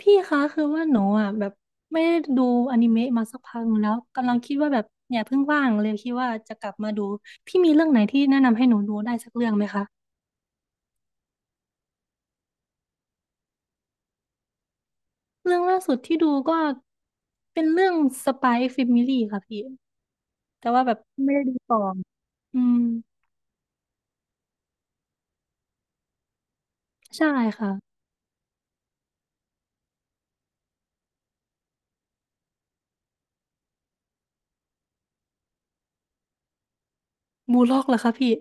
พี่คะคือว่าหนูอ่ะแบบไม่ได้ดูอนิเมะมาสักพักหนึงแล้วกำลังคิดว่าแบบเนี่ยเพิ่งว่างเลยคิดว่าจะกลับมาดูพี่มีเรื่องไหนที่แนะนำให้หนูดูได้สักเรื่องไหมคะเรื่องล่าสุดที่ดูก็เป็นเรื่องสป y ยแฟมิลี่ค่ะพี่แต่ว่าแบบอืมใช่ค่ะบูลล็อกเหรอคะพี่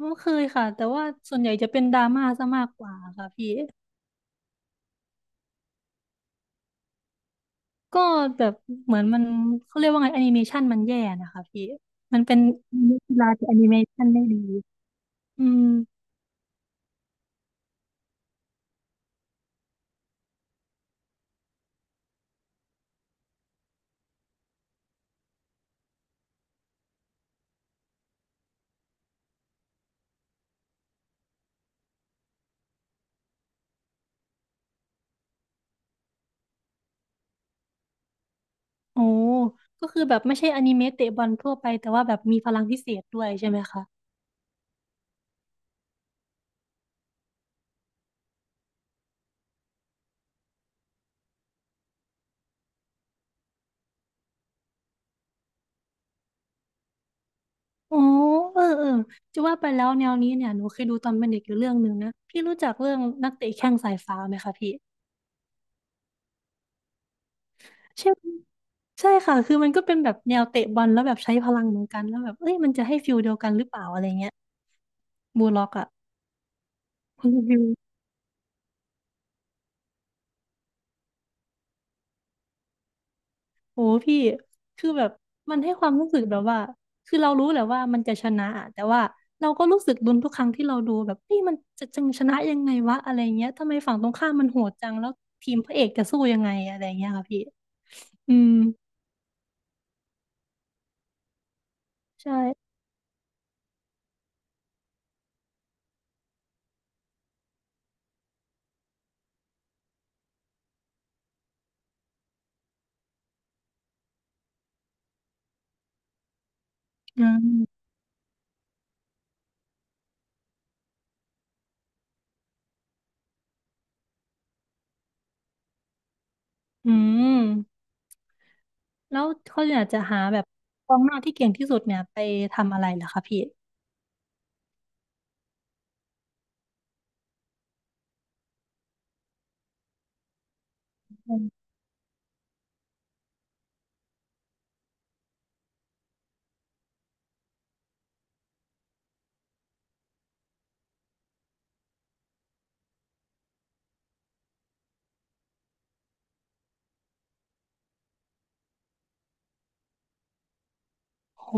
ไม่เคยค่ะแต่ว่าส่วนใหญ่จะเป็นดราม่าซะมากกว่าค่ะพี่ก็แบบเหมือนมันเขาเรียกว่าไงแอนิเมชันมันแย่นะคะพี่มันเป็นกีฬาที่แอนิเมชันไม่ดี อืมโอ้ก็คือแบบไม่ใช่อนิเมะเตะบอลทั่วไปแต่ว่าแบบมีพลังพิเศษด้วยใช่ไหมคะโอ้เออเออจะว่าไปแล้วแนวนี้เนี่ยหนูเคยดูตอนเป็นเด็กอยู่เรื่องหนึ่งนะพี่รู้จักเรื่องนักเตะแข้งสายฟ้าไหมคะพี่ใช่ใช่ค่ะคือมันก็เป็นแบบแนวเตะบอลแล้วแบบใช้พลังเหมือนกันแล้วแบบเอ้ยมันจะให้ฟิลเดียวกันหรือเปล่าอะไรเงี้ยบูลล็อกอะคุณฟิล โหพี่คือแบบมันให้ความรู้สึกแบบว่าคือเรารู้แหละว่ามันจะชนะอะแต่ว่าเราก็รู้สึกลุ้นทุกครั้งที่เราดูแบบนี่มันจะจังชนะยังไงวะอะไรเงี้ยทำไมฝั่งตรงข้ามมันโหดจังแล้วทีมพระเอกจะสู้ยังไงอะไรเงี้ยค่ะพี่อืมใช่อืมอืมแล้วเขาอยากจะหาแบบกองหน้าที่เก่งที่สุดเนี่ยไปทำอะไรเหรอคะพี่อืมโห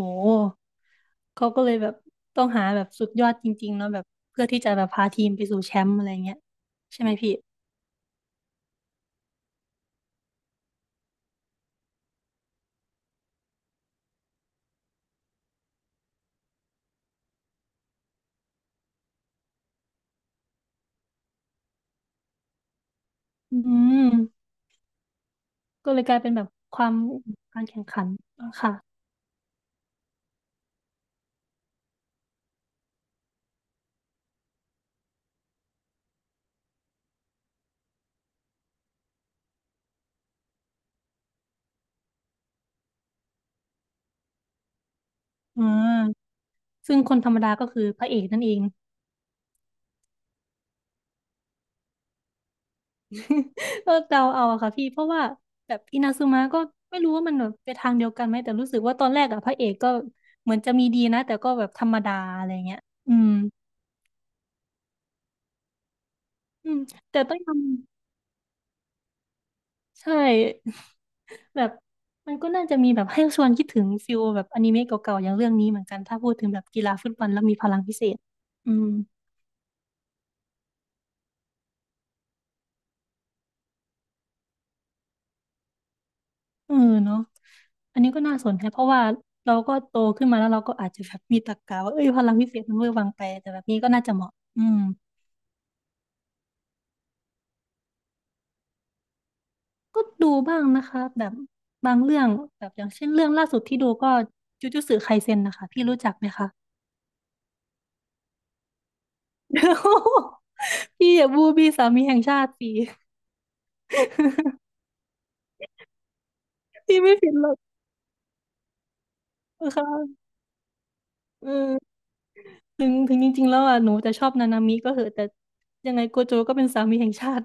เขาก็เลยแบบต้องหาแบบสุดยอดจริงๆเนาะแบบเพื่อที่จะแบบพาทีมไปสู่แชมป์อะไรเงี้ยใช่ไหมพี่ อืมก็เลยกลายเป็นแบบความการแข่งขันค่ะอ่าซึ่งคนธรรมดาก็คือพระเอกนั่นเอง ก็เดาเอาอะค่ะพี่เพราะว่าแบบอินาซึมะก็ไม่รู้ว่ามันแบบไปทางเดียวกันไหมแต่รู้สึกว่าตอนแรกอะพระเอกก็เหมือนจะมีดีนะแต่ก็แบบธรรมดาอะไรเงี้ยอืมอืมแต่ต้องยอมใช่ แบบมันก็น่าจะมีแบบให้ชวนคิดถึงฟิลแบบอนิเมะเก่าๆอย่างเรื่องนี้เหมือนกันถ้าพูดถึงแบบกีฬาฟุตบอลแล้วมีพลังพิเศษอืม เออเนาะอันนี้ก็น่าสนใจเพราะว่าเราก็โตขึ้นมาแล้วเราก็อาจจะแบบมีตรรกะว่าเอ้ยพลังพิเศษมันเวอร์วังไปแต่แบบนี้ก็น่าจะเหมาะอืมก็ดูบ้างนะคะแบบบางเรื่องแบบอย่างเช่นเรื่องล่าสุดที่ดูก็จูจูตสึไคเซ็นนะคะพี่รู้จักไหมคะ พี่อย่าบูบี้สามีแห่งชาติสิ พี่ไม่ผิดหรอกนะคะเออถึงถึงจริงๆแล้วอ่ะหนูจะชอบนานามิก็เหอะแต่ยังไงโกโจก็เป็นสามีแห่งชาติ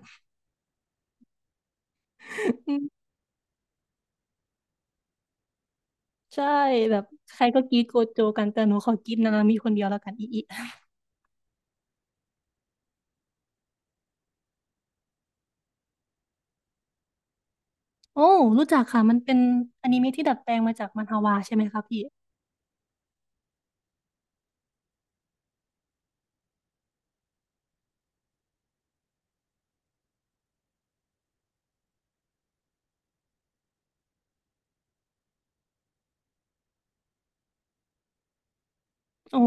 ใช่แบบใครก็กรีดโกโจกันแต่หนูขอกรีดนานามิคนเดียวแล้วกันอีอีโอ้รู้จักค่ะมันเป็นอนิเมะที่ดัดแปลงมาจากมันฮวาใช่ไหมคะพี่โอ้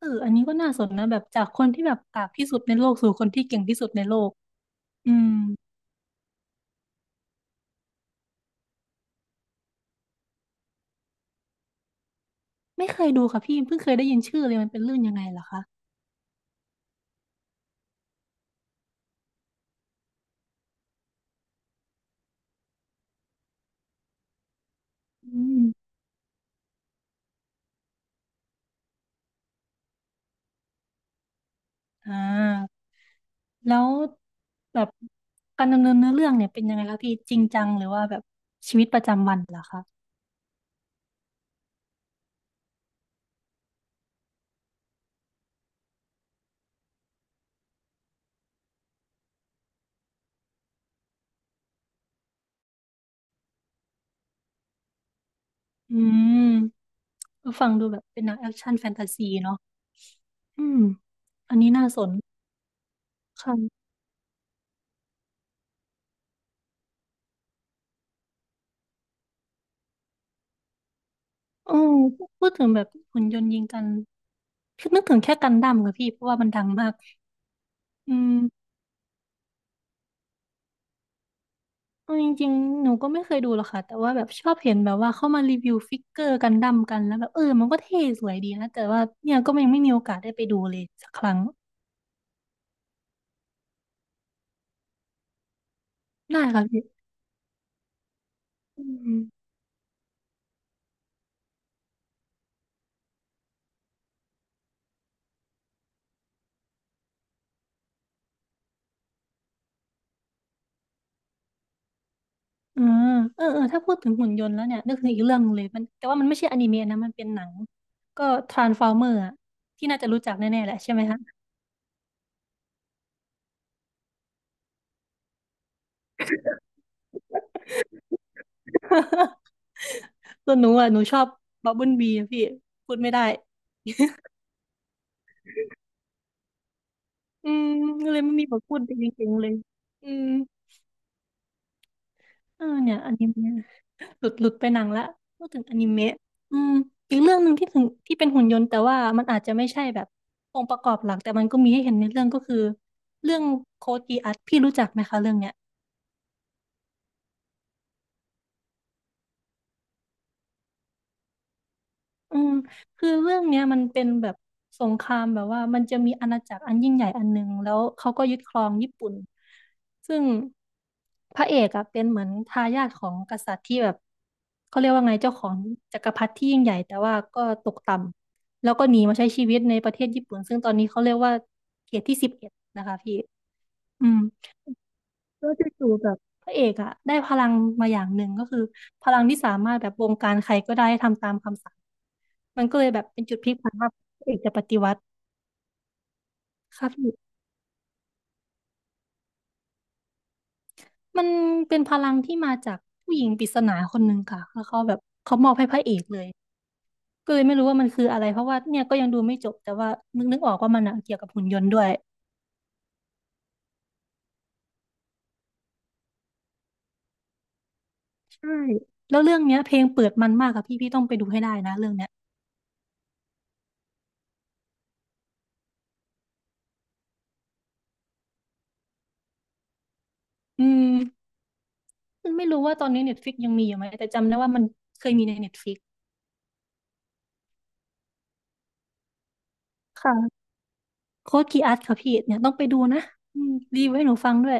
เอออันนี้ก็น่าสนนะแบบจากคนที่แบบกากที่สุดในโลกสู่คนที่เก่งที่สุดในโลกอืมไม่เคยดูค่ะพี่เพิ่งเคยได้ยินชื่อเลยมันเป็นเรื่องยังไงเหรอคะอืมอ่าแล้วแบบการดำเนินเนื้อเรื่องเนี่ยเป็นยังไงคะพี่จริงจังหรือว่าแบบชีวิตประจำวันเหรอคะอืมก็ฟังดูแบบเป็นหนังแอคชั่นแฟนตาซีเนาะ อืม อันนี้น่าสน ค่ะโอืมพูดถึงแบบหุ่นยนต์ยิงกันคือนึกถึงแค่กันดั้มค่ะพี่เพราะว่ามันดังมาก อืมเอาจริงๆ หนูก็ไม่เคยดูหรอกค่ะ แต่ว่าแบบชอบเห็นแบบว่าเข้ามารีวิวฟิกเกอร์กันดั้มกัน แล้วแบบเออมันก็เท่สวยดีนะ แต่ว่าเนี่ยก็ยังไม่มีโอกาสได้ไปดูเลยสักครั้ง ได้ค่ะพี่อืมเออเออเออถ้าพูดถึงหุ่นยนต์แล้วเนี่ยนึกถึงอีกเรื่องหนึ่งเลยมันแต่ว่ามันไม่ใช่อนิเมะนะมันเป็นหนังก็ทรานส์ฟอร์เมอร์อะที่น่าจะรู้จักแน่ๆแหละใช่ไหมคะ ส่วนหนูอ่ะหนูชอบบับเบิลบีอะพี่พูดไม่ได้อืมก็เลยไม่มีบทพูดเก่งๆเลยอืมเออเนี่ยอนิเมะหลุดหลุดไปหนังละพูดถึงอนิเมะอืมอีกเรื่องหนึ่งที่ถึงที่เป็นหุ่นยนต์แต่ว่ามันอาจจะไม่ใช่แบบองค์ประกอบหลักแต่มันก็มีให้เห็นในเรื่องก็คือเรื่องโคดกีอัสพี่รู้จักไหมคะเรื่องเนี้ย อืมคือเรื่องเนี้ยมันเป็นแบบสงครามแบบว่ามันจะมีอาณาจักรอันยิ่งใหญ่อันหนึ่งแล้วเขาก็ยึดครองญี่ปุ่นซึ่งพระเอกอะเป็นเหมือนทายาทของกษัตริย์ที่แบบเขาเรียกว่าไงเจ้าของจักรพรรดิที่ยิ่งใหญ่แต่ว่าก็ตกต่ำแล้วก็หนีมาใช้ชีวิตในประเทศญี่ปุ่นซึ่งตอนนี้เขาเรียกว่าเขตที่11นะคะพี่อืมแล้วจู่ๆแบบพระเอกอะได้พลังมาอย่างหนึ่งก็คือพลังที่สามารถแบบบงการใครก็ได้ให้ทำตามคำสั่ง มันก็เลยแบบเป็นจุดพลิกผันว่าพระเอกจะปฏิวัติค่ะพี่มันเป็นพลังที่มาจากผู้หญิงปริศนาคนหนึ่งค่ะแล้วเขาแบบเขามอบให้พระเอกเลยก็เลยไม่รู้ว่ามันคืออะไรเพราะว่าเนี่ยก็ยังดูไม่จบแต่ว่านึกนึกออกว่ามันอะเกี่ยวกับหุ่นยนต์ด้วยใช่แล้วเรื่องเนี้ยเพลงเปิดมันมากค่ะพี่พี่ต้องไปดูให้ได้นะเรื่องเนี้ยอืมไม่รู้ว่าตอนนี้เน็ตฟิกยังมีอยู่ไหมแต่จำได้ว่ามันเคยมีในเน็ตฟิกค่ะโค้ดคีอัสค่ะพี่เนี่ยต้องไปดูนะอืมรีวิวให้หนูฟังด้วย